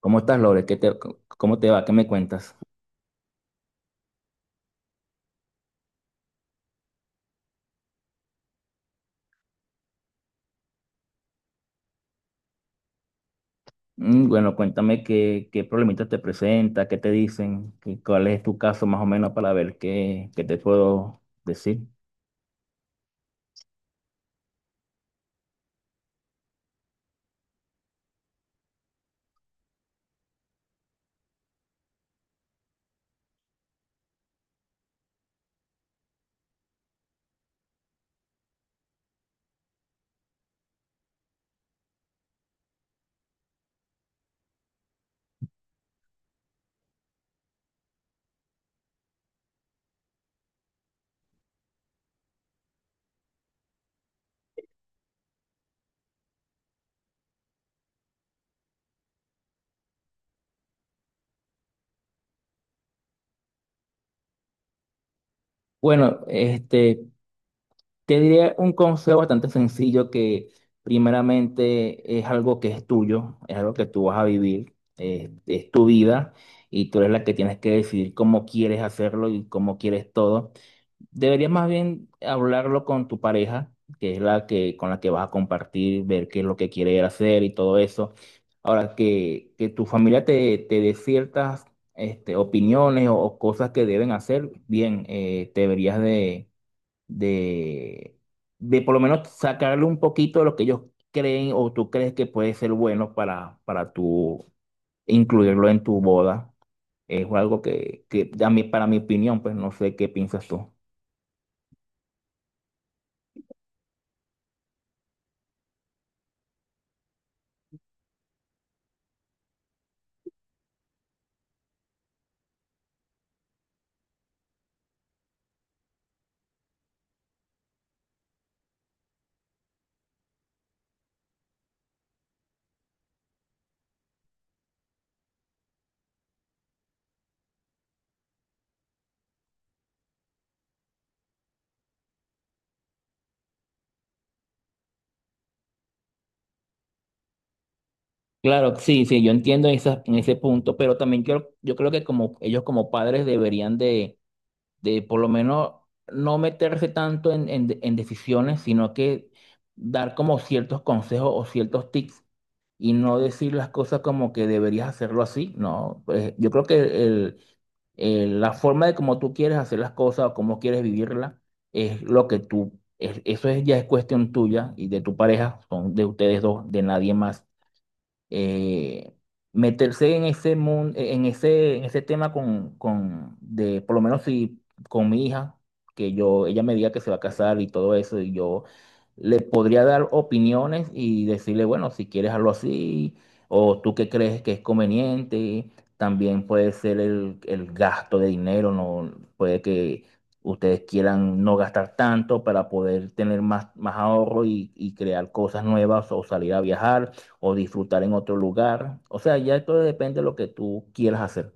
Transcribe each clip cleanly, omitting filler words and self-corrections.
¿Cómo estás, Lore? ¿Cómo te va? ¿Qué me cuentas? Mm, bueno, cuéntame qué problemitas te presenta, qué te dicen, cuál es tu caso más o menos para ver qué te puedo decir. Bueno, te diría un consejo bastante sencillo que primeramente es algo que es tuyo, es algo que tú vas a vivir, es tu vida y tú eres la que tienes que decidir cómo quieres hacerlo y cómo quieres todo. Deberías más bien hablarlo con tu pareja, que es la que con la que vas a compartir, ver qué es lo que quiere hacer y todo eso. Ahora, que tu familia te dé ciertas opiniones o cosas que deben hacer, bien, te deberías de, de por lo menos sacarle un poquito de lo que ellos creen o tú crees que puede ser bueno para tu, incluirlo en tu boda. Es algo que a mí- para mi opinión, pues no sé qué piensas tú. Claro, sí, sí, yo entiendo en en ese punto, pero también yo creo que como ellos como padres deberían de por lo menos no meterse tanto en decisiones, sino que dar como ciertos consejos o ciertos tips y no decir las cosas como que deberías hacerlo así, ¿no? Pues, yo creo que la forma de cómo tú quieres hacer las cosas o cómo quieres vivirla es lo que tú, eso es, ya es cuestión tuya y de tu pareja, son de ustedes dos, de nadie más. Eh, meterse en ese mundo, en ese tema por lo menos si con mi hija, que yo, ella me diga que se va a casar y todo eso, y yo le podría dar opiniones y decirle, bueno, si quieres algo así, o tú qué crees que es conveniente, también puede ser el gasto de dinero, no puede que ustedes quieran no gastar tanto para poder tener más, más ahorro y crear cosas nuevas o salir a viajar o disfrutar en otro lugar. O sea, ya todo depende de lo que tú quieras hacer.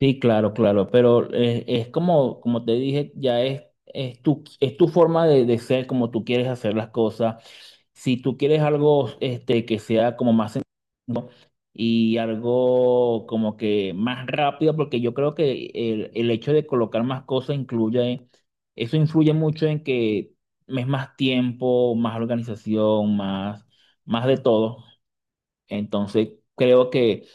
Sí, claro, claro, pero es como, como te dije, ya es, es tu forma de ser, como tú quieres hacer las cosas. Si tú quieres algo que sea como más sencillo y algo como que más rápido, porque yo creo que el hecho de colocar más cosas incluye, eso influye mucho en que es más tiempo, más organización, más, más de todo. Entonces, creo que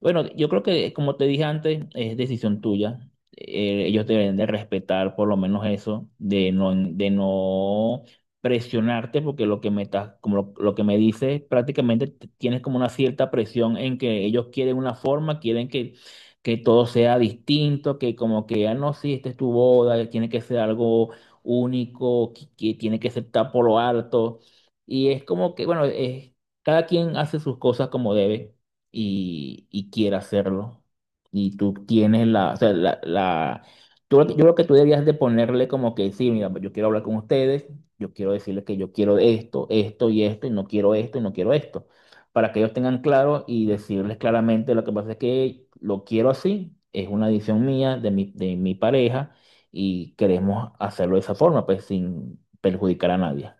bueno, yo creo que, como te dije antes, es decisión tuya. Ellos deben de respetar por lo menos eso, de no presionarte, porque lo que me estás, como lo que me dices, prácticamente tienes como una cierta presión en que ellos quieren una forma, quieren que todo sea distinto, que como que, ah, no, sí, esta es tu boda, tiene que ser algo único, que tiene que ser tapado por lo alto. Y es como que, bueno, es, cada quien hace sus cosas como debe y quiera hacerlo. Y tú tienes la, o sea, yo creo que tú debías de ponerle como que, sí, mira, yo quiero hablar con ustedes, yo quiero decirles que yo quiero esto, esto y esto, y no quiero esto y no quiero esto, para que ellos tengan claro y decirles claramente lo que pasa es que lo quiero así, es una decisión mía, de mi pareja, y queremos hacerlo de esa forma, pues sin perjudicar a nadie.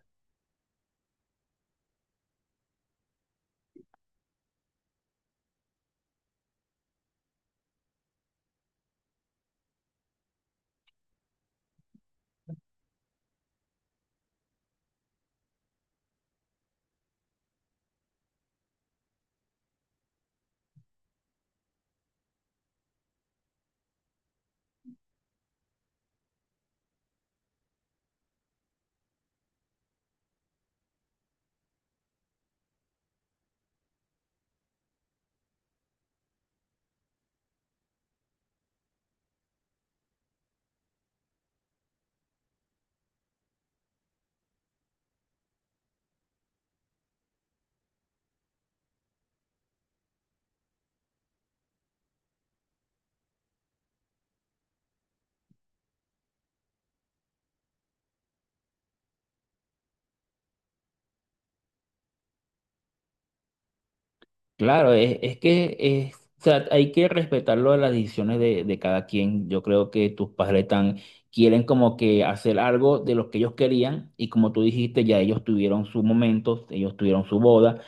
Claro, es que es, o sea, hay que respetar lo de las decisiones de cada quien. Yo creo que tus padres tan quieren como que hacer algo de lo que ellos querían y como tú dijiste, ya ellos tuvieron sus momentos, ellos tuvieron su boda.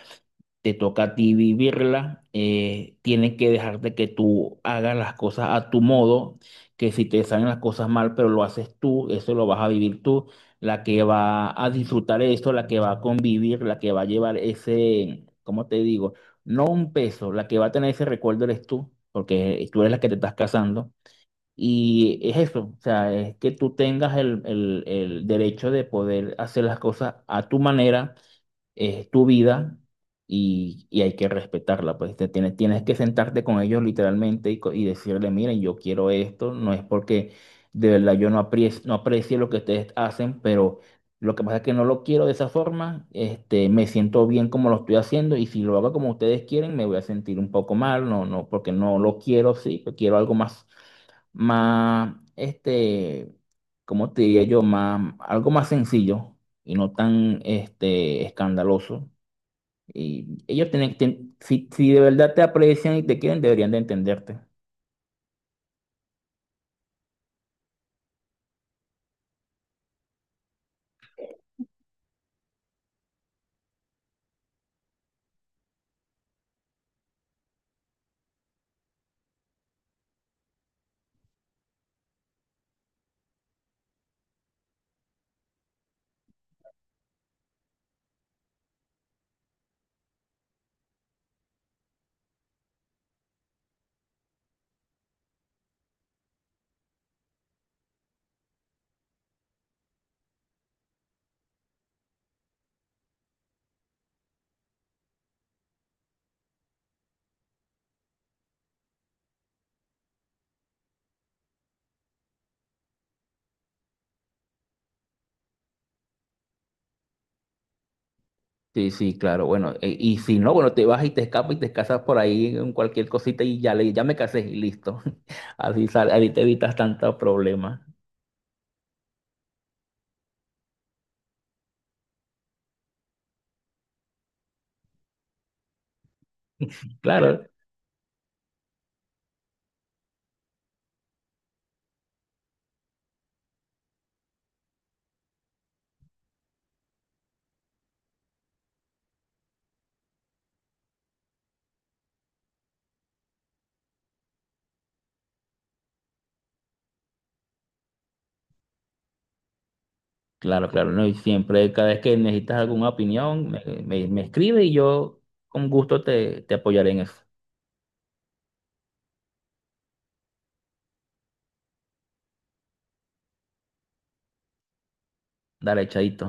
Te toca a ti vivirla, tienes que dejarte que tú hagas las cosas a tu modo, que si te salen las cosas mal, pero lo haces tú, eso lo vas a vivir tú, la que va a disfrutar eso, la que va a convivir, la que va a llevar ese, ¿cómo te digo? No un peso, la que va a tener ese recuerdo eres tú, porque tú eres la que te estás casando. Y es eso, o sea, es que tú tengas el derecho de poder hacer las cosas a tu manera, es tu vida y hay que respetarla, pues te tienes, tienes que sentarte con ellos literalmente y, y decirle, miren, yo quiero esto, no es porque de verdad yo no aprecie, no aprecie lo que ustedes hacen, pero lo que pasa es que no lo quiero de esa forma, este, me siento bien como lo estoy haciendo y si lo hago como ustedes quieren, me voy a sentir un poco mal, no, no, porque no lo quiero, sí, quiero algo más más, este, ¿cómo te diría yo? Más, algo más sencillo y no tan, este, escandaloso. Y ellos tienen, si, si de verdad te aprecian y te quieren, deberían de entenderte. Sí, sí, claro, bueno, y si no, bueno, te vas y te escapas y te casas por ahí en cualquier cosita y ya, le, ya me casé y listo. Así, ahí te evitas tantos problemas. Claro, claro, claro, no, y siempre, cada vez que necesitas alguna opinión, me escribe y yo con gusto te apoyaré en eso. Dale, chaito.